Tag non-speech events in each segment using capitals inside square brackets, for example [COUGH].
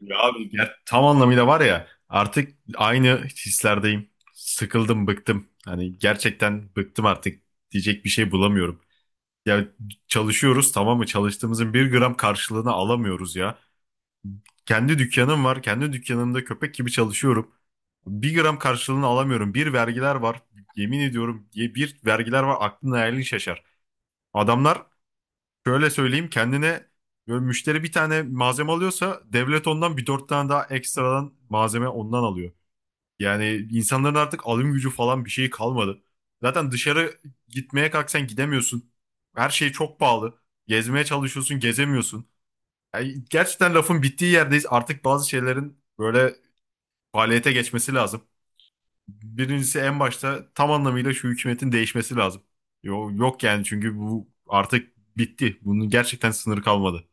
Ya abi ya tam anlamıyla var ya artık aynı hislerdeyim. Sıkıldım, bıktım. Hani gerçekten bıktım artık diyecek bir şey bulamıyorum. Ya çalışıyoruz tamam mı? Çalıştığımızın bir gram karşılığını alamıyoruz ya. Kendi dükkanım var. Kendi dükkanımda köpek gibi çalışıyorum. Bir gram karşılığını alamıyorum. Bir vergiler var. Yemin ediyorum diye bir vergiler var. Aklın hayalin şaşar. Adamlar. Şöyle söyleyeyim kendine, böyle müşteri bir tane malzeme alıyorsa devlet ondan bir dört tane daha ekstradan malzeme ondan alıyor. Yani insanların artık alım gücü falan bir şey kalmadı. Zaten dışarı gitmeye kalksan gidemiyorsun. Her şey çok pahalı. Gezmeye çalışıyorsun gezemiyorsun. Yani gerçekten lafın bittiği yerdeyiz. Artık bazı şeylerin böyle faaliyete geçmesi lazım. Birincisi en başta tam anlamıyla şu hükümetin değişmesi lazım. Yok yani, çünkü bu artık bitti. Bunun gerçekten sınırı kalmadı.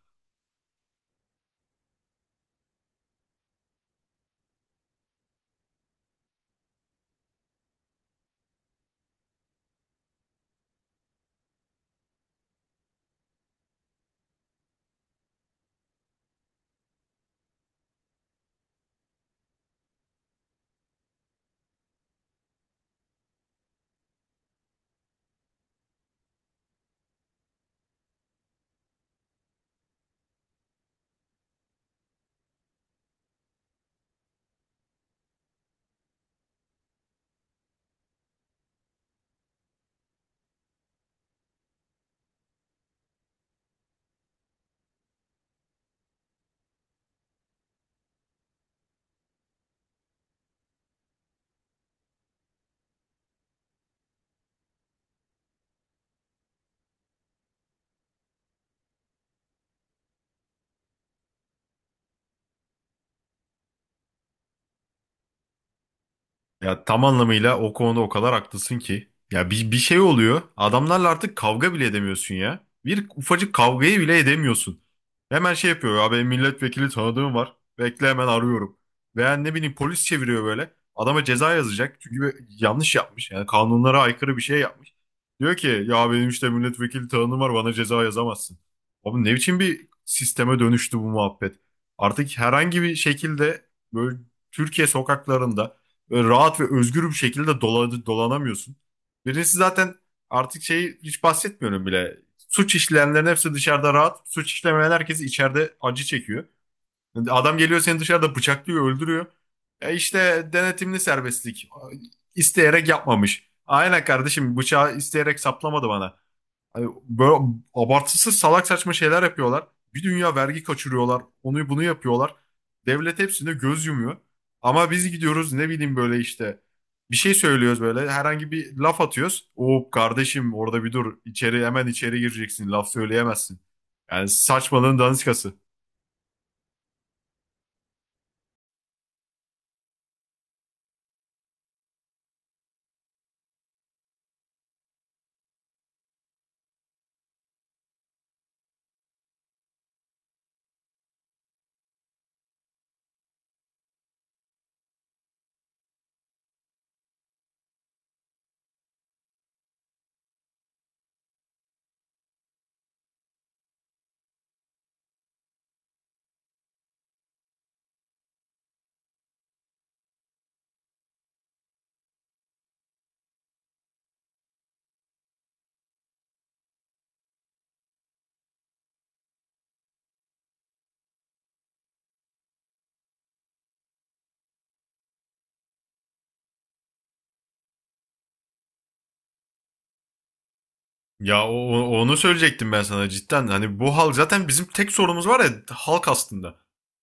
Ya tam anlamıyla o konuda o kadar haklısın ki. Ya bir şey oluyor. Adamlarla artık kavga bile edemiyorsun ya. Bir ufacık kavgayı bile edemiyorsun. Hemen şey yapıyor. Abi milletvekili tanıdığım var. Bekle hemen arıyorum. Veya ne bileyim polis çeviriyor böyle. Adama ceza yazacak. Çünkü yanlış yapmış. Yani kanunlara aykırı bir şey yapmış. Diyor ki ya benim işte milletvekili tanıdığım var, bana ceza yazamazsın. Abi ne biçim bir sisteme dönüştü bu muhabbet. Artık herhangi bir şekilde böyle Türkiye sokaklarında böyle rahat ve özgür bir şekilde dolanamıyorsun. Birincisi zaten artık şeyi hiç bahsetmiyorum bile. Suç işleyenlerin hepsi dışarıda rahat. Suç işlemeyen herkes içeride acı çekiyor. Yani adam geliyor seni dışarıda bıçaklıyor, öldürüyor. E işte denetimli serbestlik. İsteyerek yapmamış. Aynen kardeşim, bıçağı isteyerek saplamadı bana. Hani böyle abartısı salak saçma şeyler yapıyorlar. Bir dünya vergi kaçırıyorlar. Onu bunu yapıyorlar. Devlet hepsine göz yumuyor. Ama biz gidiyoruz ne bileyim böyle işte bir şey söylüyoruz, böyle herhangi bir laf atıyoruz. Oo kardeşim, orada bir dur, içeri hemen içeri gireceksin, laf söyleyemezsin. Yani saçmalığın daniskası. Ya onu söyleyecektim ben sana cidden. Hani bu hal zaten bizim tek sorunumuz var ya, halk aslında.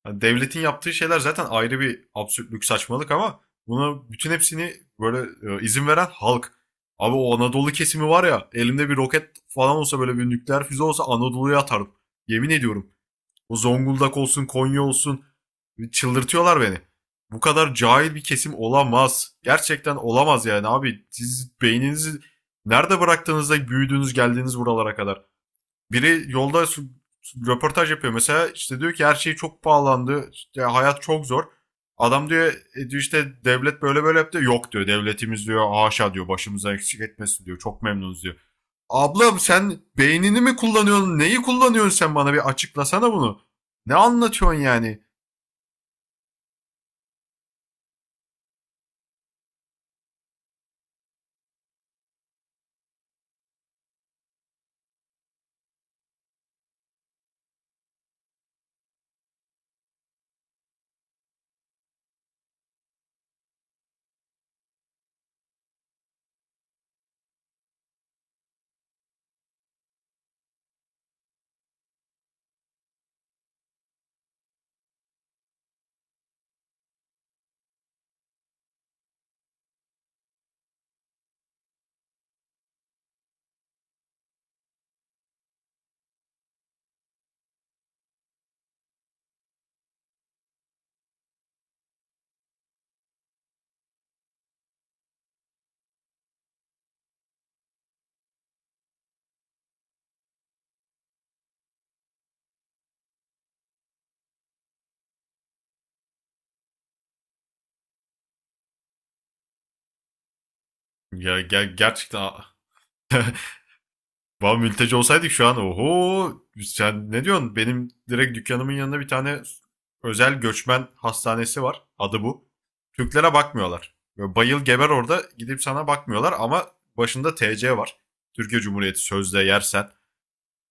Hani devletin yaptığı şeyler zaten ayrı bir absürtlük, saçmalık ama buna bütün hepsini böyle izin veren halk. Abi o Anadolu kesimi var ya, elimde bir roket falan olsa, böyle bir nükleer füze olsa Anadolu'ya atarım. Yemin ediyorum. O Zonguldak olsun, Konya olsun. Çıldırtıyorlar beni. Bu kadar cahil bir kesim olamaz. Gerçekten olamaz yani abi. Siz beyninizi nerede bıraktığınızda büyüdüğünüz geldiğiniz buralara kadar. Biri yolda röportaj yapıyor mesela, işte diyor ki her şey çok pahalandı. İşte hayat çok zor. Adam diyor diyor işte devlet böyle böyle yaptı. Yok diyor, devletimiz diyor, haşa diyor, başımıza eksik etmesin diyor. Çok memnunuz diyor. Ablam sen beynini mi kullanıyorsun? Neyi kullanıyorsun sen, bana bir açıklasana bunu. Ne anlatıyorsun yani? Ya gerçekten. Vallahi mülteci olsaydık şu an oho sen ne diyorsun? Benim direkt dükkanımın yanında bir tane özel göçmen hastanesi var. Adı bu. Türklere bakmıyorlar. Böyle bayıl geber orada, gidip sana bakmıyorlar ama başında TC var. Türkiye Cumhuriyeti sözde, yersen,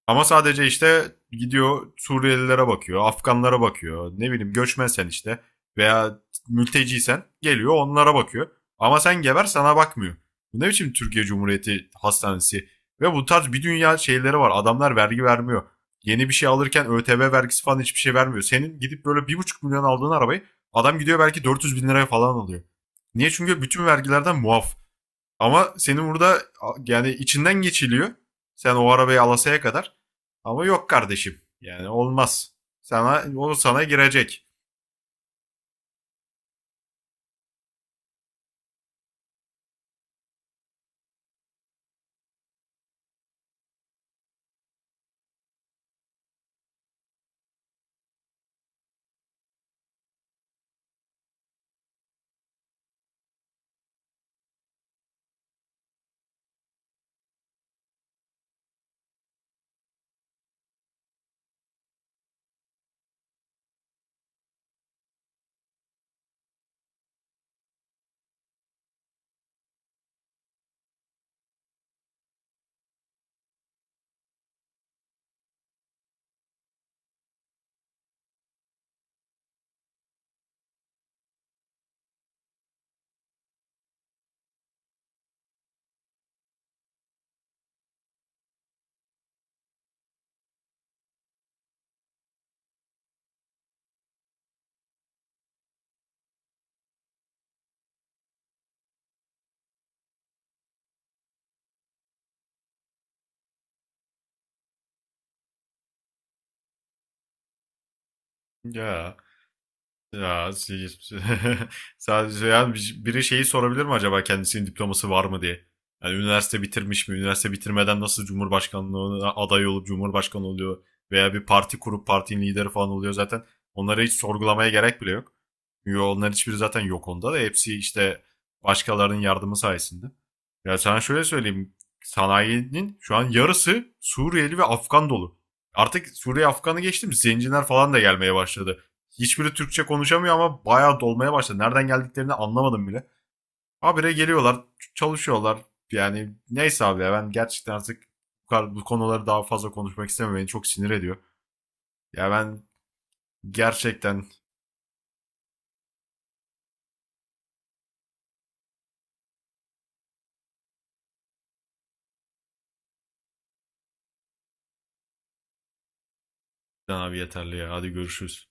ama sadece işte gidiyor Suriyelilere bakıyor, Afganlara bakıyor. Ne bileyim göçmensen işte veya mülteciysen geliyor onlara bakıyor. Ama sen geber, sana bakmıyor. Bu ne biçim Türkiye Cumhuriyeti hastanesi? Ve bu tarz bir dünya şeyleri var. Adamlar vergi vermiyor. Yeni bir şey alırken ÖTV vergisi falan hiçbir şey vermiyor. Senin gidip böyle 1,5 milyon aldığın arabayı adam gidiyor belki 400 bin liraya falan alıyor. Niye? Çünkü bütün vergilerden muaf. Ama senin burada yani içinden geçiliyor. Sen o arabayı alasaya kadar. Ama yok kardeşim. Yani olmaz. Sana onu sana girecek. Ya Ya, si- [LAUGHS] Sadece ya biri şeyi sorabilir mi acaba, kendisinin diploması var mı diye? Yani üniversite bitirmiş mi? Üniversite bitirmeden nasıl Cumhurbaşkanlığına aday olup Cumhurbaşkanı oluyor? Veya bir parti kurup partinin lideri falan oluyor zaten. Onları hiç sorgulamaya gerek bile yok. Çünkü onlar hiçbiri zaten yok onda da. Hepsi işte başkalarının yardımı sayesinde. Ya sana şöyle söyleyeyim. Sanayinin şu an yarısı Suriyeli ve Afgan dolu. Artık Suriye Afgan'ı geçtim. Zenciler falan da gelmeye başladı. Hiçbiri Türkçe konuşamıyor ama bayağı dolmaya başladı. Nereden geldiklerini anlamadım bile. Habire geliyorlar, çalışıyorlar. Yani neyse abi ya, ben gerçekten artık bu konuları daha fazla konuşmak istemiyorum. Beni çok sinir ediyor. Ya ben gerçekten abi, yeterli ya. Hadi görüşürüz.